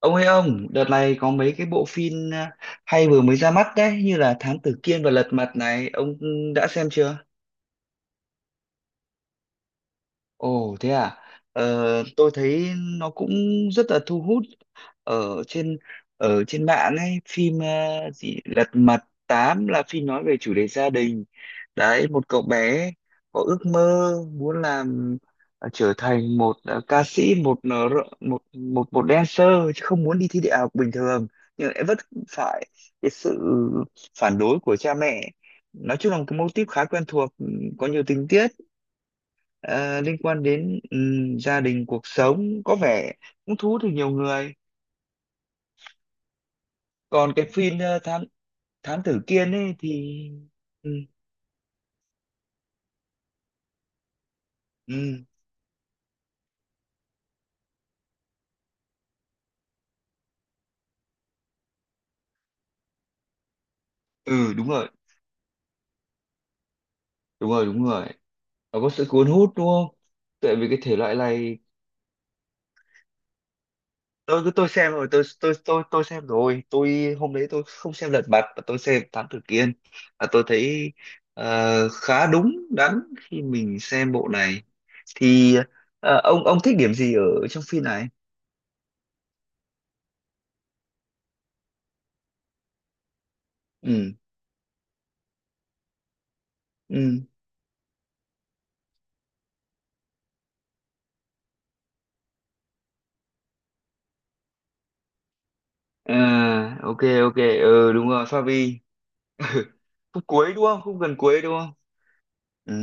Ông ơi ông, đợt này có mấy cái bộ phim à, hay vừa mới ra mắt đấy, như là Thám Tử Kiên và Lật Mặt này, ông đã xem chưa? Ồ thế à? Ờ, tôi thấy nó cũng rất là thu hút ở trên ở trên mạng ấy, phim gì Lật Mặt 8 là phim nói về chủ đề gia đình. Đấy, một cậu bé có ước mơ muốn trở thành một ca sĩ, một ờ, r- một một một dancer, chứ không muốn đi thi đại học bình thường, nhưng lại vấp phải cái sự phản đối của cha mẹ. Nói chung là một cái mô típ khá quen thuộc, có nhiều tình tiết ờ, liên quan đến gia đình, cuộc sống, có vẻ cũng thu hút được nhiều người. Còn cái phim ờ, thám thám tử Kiên ấy thì ừ, ừ, ừ, đúng rồi, đúng rồi, đúng rồi, nó có sự cuốn hút đúng không, tại vì cái thể loại này. Tôi xem rồi, tôi xem rồi, tôi hôm đấy tôi không xem Lật Mặt mà tôi xem Thám Tử Kiên, và tôi thấy khá đúng đắn khi mình xem bộ này. Thì ông thích điểm gì ở trong phim này? Ừ, ừ, à, ok, ok, ừ đúng rồi Favi. Khúc cuối đúng không, khúc gần cuối đúng không? Ừ,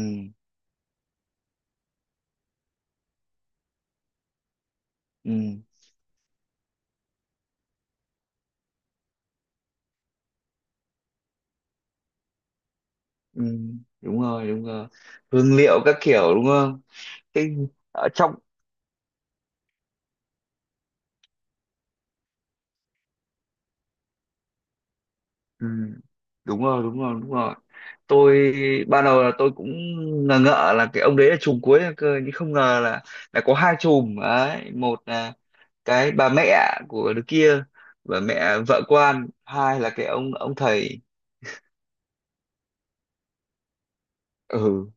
ừ, ừ, đúng rồi, đúng rồi. Hương liệu các kiểu đúng không? Cái ở trong, ừ, đúng rồi, đúng rồi, đúng rồi. Tôi ban đầu là tôi cũng ngờ ngợ là cái ông đấy là trùm cuối cơ, nhưng không ngờ là có hai trùm đấy, một là cái bà mẹ của đứa kia, bà mẹ vợ quan, hai là cái ông thầy. Ừ,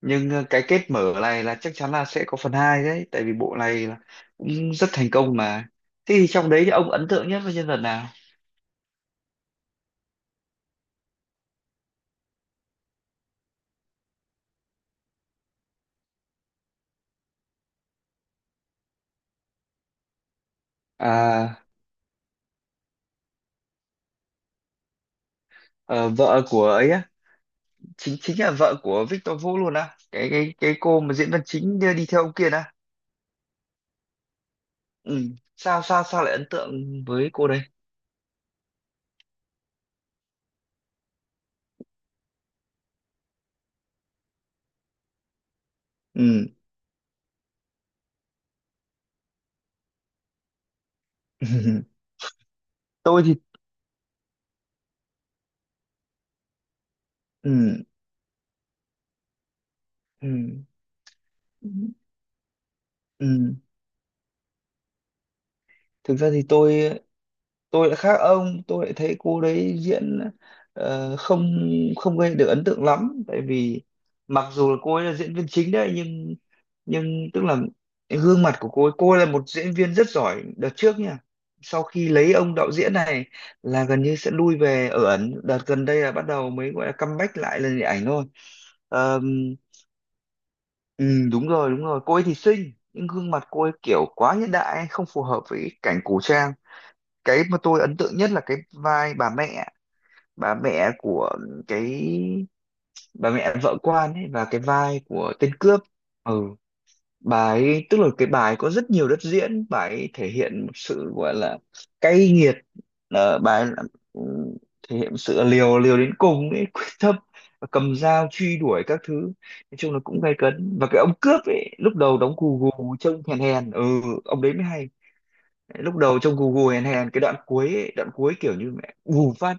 nhưng cái kết mở này là chắc chắn là sẽ có phần 2 đấy, tại vì bộ này là cũng rất thành công mà. Thế thì trong đấy thì ông ấn tượng nhất với nhân vật nào? À, ờ, vợ của ấy á, chính chính là vợ của Victor Vũ luôn á, cái cô mà diễn viên chính đi đi theo ông kia á. Ừ. sao sao sao lại ấn tượng với cô đây? Ừ. Tôi thì ừ. Ừ. Ừ. Thực ra thì tôi lại khác ông, tôi lại thấy cô đấy diễn không không gây được ấn tượng lắm, tại vì mặc dù là cô ấy là diễn viên chính đấy, nhưng tức là gương mặt của cô ấy, cô ấy là một diễn viên rất giỏi đợt trước nha, sau khi lấy ông đạo diễn này là gần như sẽ lui về ở ẩn, đợt gần đây là bắt đầu mới gọi là comeback lại lên điện ảnh thôi. Ờm, ừ, đúng rồi, đúng rồi, cô ấy thì xinh nhưng gương mặt cô ấy kiểu quá hiện đại, không phù hợp với cái cảnh cổ trang. Cái mà tôi ấn tượng nhất là cái vai bà mẹ, bà mẹ của cái, bà mẹ vợ quan ấy, và cái vai của tên cướp. Ừ, bà ấy tức là cái bà ấy có rất nhiều đất diễn, bà ấy thể hiện một sự gọi là cay nghiệt, ờ, bà ấy là- ừ, thể hiện sự liều liều đến cùng ấy, quyết tâm và cầm dao truy đuổi các thứ. Nói chung là cũng gay cấn, và cái ông cướp ấy lúc đầu đóng cù gù trông hèn hèn. Ừ, ông đấy mới hay, lúc đầu trông gù gù hèn hèn, cái đoạn cuối ấy, đoạn cuối kiểu như mẹ gù phát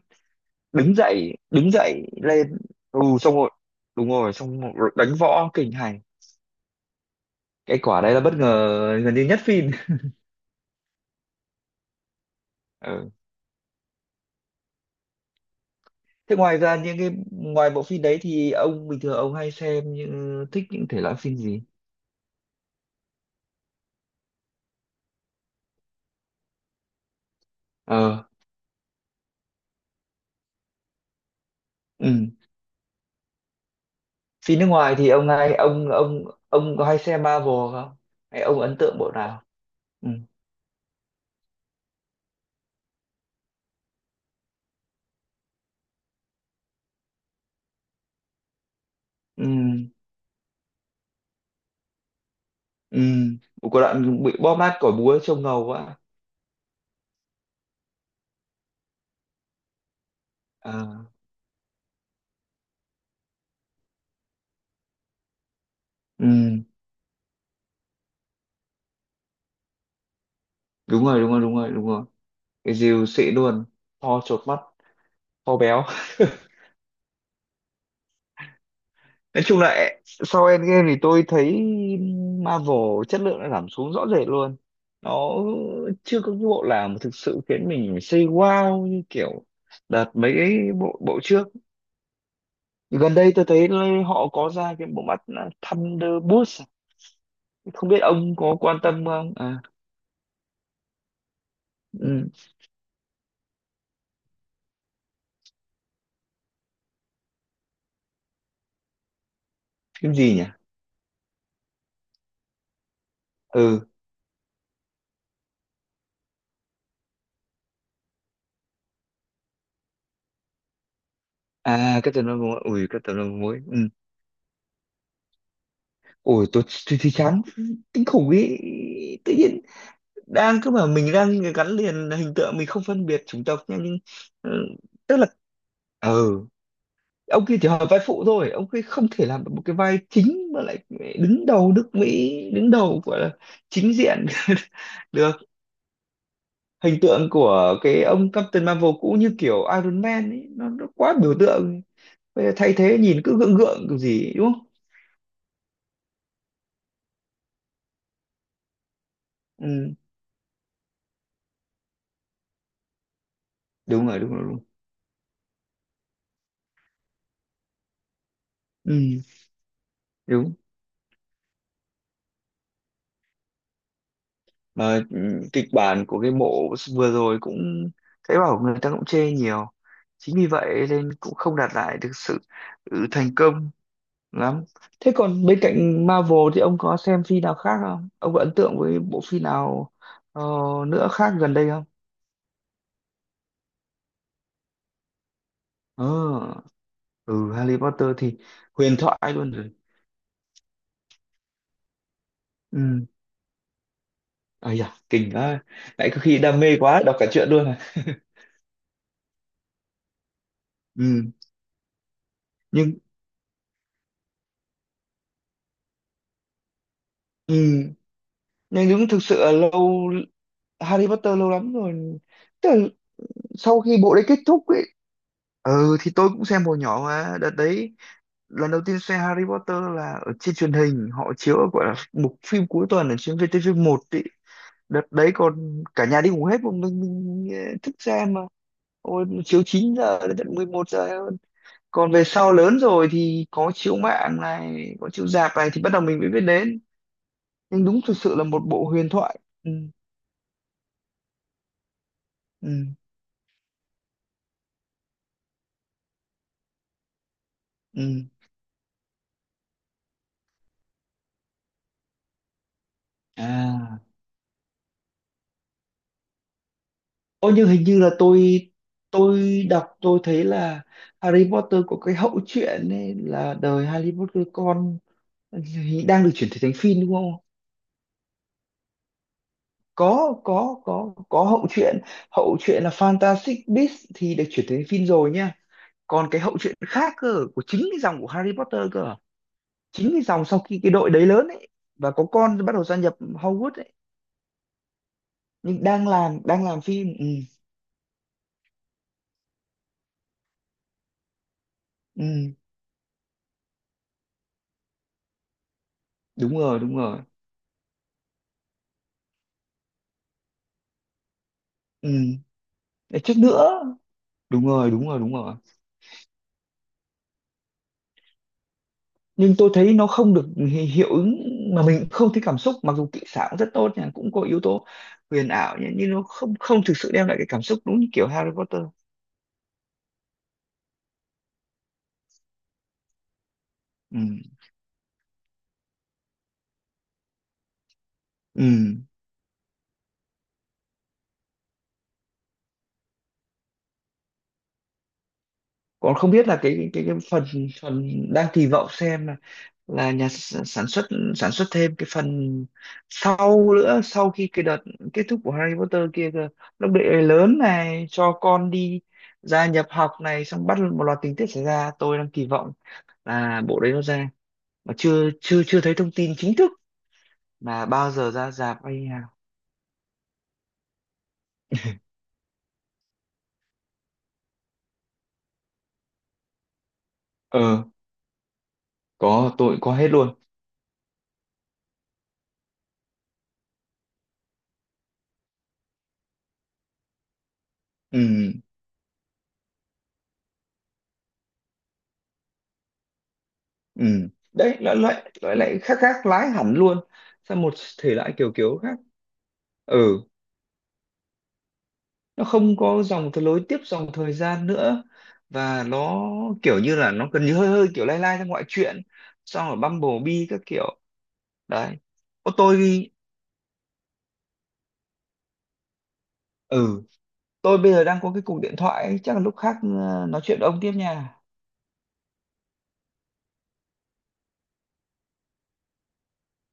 đứng dậy, đứng dậy lên. Ừ, xong rồi, đúng rồi, xong rồi đánh võ kinh hành, cái quả đấy là bất ngờ gần như nhất phim. Ừ. Thế ngoài ra, những cái ngoài bộ phim đấy thì ông bình thường ông hay xem những, thích những thể loại phim gì? Ờ, ừ. Phim nước ngoài thì ông hay ông có hay xem Marvel không, hay ông ấn tượng bộ nào? Ừ, ừ, ừ, có đoạn bị bóp nát cỏ búa trông ngầu quá. Ờ. Ừ, đúng rồi, đúng rồi, đúng rồi, đúng rồi. Cái dìu xị luôn, to chột mắt, to béo. Nói chung là sau Endgame thì tôi thấy Marvel chất lượng đã giảm xuống rõ rệt luôn. Nó chưa có cái bộ nào mà thực sự khiến mình say wow như kiểu đợt mấy cái bộ bộ trước. Gần đây tôi thấy họ có ra cái bộ mắt là Thunderbolts. À? Không biết ông có quan tâm không? À, ừ, cái gì nhỉ? Ừ, à, Captain Marvel, ui, Captain Marvel, ừ. Ôi, tôi thấy chán kinh khủng ý, tự nhiên đang cứ bảo mình đang gắn liền hình tượng, mình không phân biệt chủng tộc nha, nhưng ừ, tức là ừ ông kia chỉ hỏi vai phụ thôi, ông kia không thể làm được một cái vai chính mà lại đứng đầu nước Mỹ, đứng đầu gọi là chính diện được. Hình tượng của cái ông Captain Marvel cũ như kiểu Iron Man ấy, nó quá biểu tượng, bây giờ thay thế nhìn cứ gượng gượng kiểu gì ấy, đúng không? Ừ, đúng rồi, đúng rồi, đúng, ừ, đúng, mà kịch bản của cái bộ vừa rồi cũng thấy bảo người ta cũng chê nhiều, chính vì vậy nên cũng không đạt lại được sự thành công lắm. Thế còn bên cạnh Marvel thì ông có xem phim nào khác không, ông có ấn tượng với bộ phim nào ờ, nữa khác gần đây không? Ờ, ừ, Harry Potter thì huyền thoại luôn rồi. Ừ, ây da kinh quá, lại có khi đam mê quá đọc cả truyện luôn à. Ừ, nhưng ừ, nhưng đúng, thực sự là lâu, Harry Potter lâu lắm rồi, tức là sau khi bộ đấy kết thúc ấy. Ừ, thì tôi cũng xem hồi nhỏ mà, đợt đấy lần đầu tiên xem Harry Potter là ở trên truyền hình, họ chiếu ở gọi là mục phim cuối tuần ở trên VTV1 ấy. Đợt đấy còn cả nhà đi ngủ hết, một mình thức xem mà. Ôi, chiếu 9 giờ đến tận 11 giờ hơn. Còn về sau lớn rồi thì có chiếu mạng này, có chiếu rạp này thì bắt đầu mình mới biết đến. Nhưng đúng thực sự là một bộ huyền thoại. Ừ, ừ, ừ. À, ô nhưng hình như là tôi đọc tôi thấy là Harry Potter có cái hậu truyện ấy, là đời Harry Potter con đang được chuyển thể thành phim đúng không? Có hậu truyện là Fantastic Beasts thì được chuyển thể thành phim rồi nha. Còn cái hậu truyện khác cơ, của chính cái dòng của Harry Potter cơ, chính cái dòng sau khi cái đội đấy lớn ấy và có con bắt đầu gia nhập Hogwarts ấy, nhưng đang làm phim. Ừ, ừ, đúng rồi, đúng rồi. Ừ. Để trước nữa, đúng rồi, đúng rồi, đúng rồi, nhưng tôi thấy nó không được hiệu ứng, mà mình không thấy cảm xúc, mặc dù kỹ xảo cũng rất tốt nha, cũng có yếu tố huyền ảo nhá, nhưng nó không không thực sự đem lại cái cảm xúc đúng như kiểu Harry Potter. Ừ. Ừ. Còn không biết là cái phần phần đang kỳ vọng xem là, nhà sản xuất thêm cái phần sau nữa, sau khi cái đợt kết thúc của Harry Potter kia cơ, lúc đệ lớn này cho con đi gia nhập học này, xong bắt một loạt tình tiết xảy ra, tôi đang kỳ vọng là bộ đấy nó ra, mà chưa chưa chưa thấy thông tin chính thức là bao giờ ra rạp hay như nào. Ờ, có, tôi có hết luôn. Ừ, ừ, đấy nó lại khác, khác lái hẳn luôn, sang một thể loại kiểu kiểu khác. Ừ, nó không có dòng thời lối tiếp dòng thời gian nữa, và nó kiểu như là nó gần như hơi hơi kiểu lai lai trong ngoại truyện, xong rồi Bumblebee các kiểu đấy. Ô, tôi ừ, tôi bây giờ đang có cái cuộc điện thoại ấy, chắc là lúc khác nói chuyện với ông tiếp nha.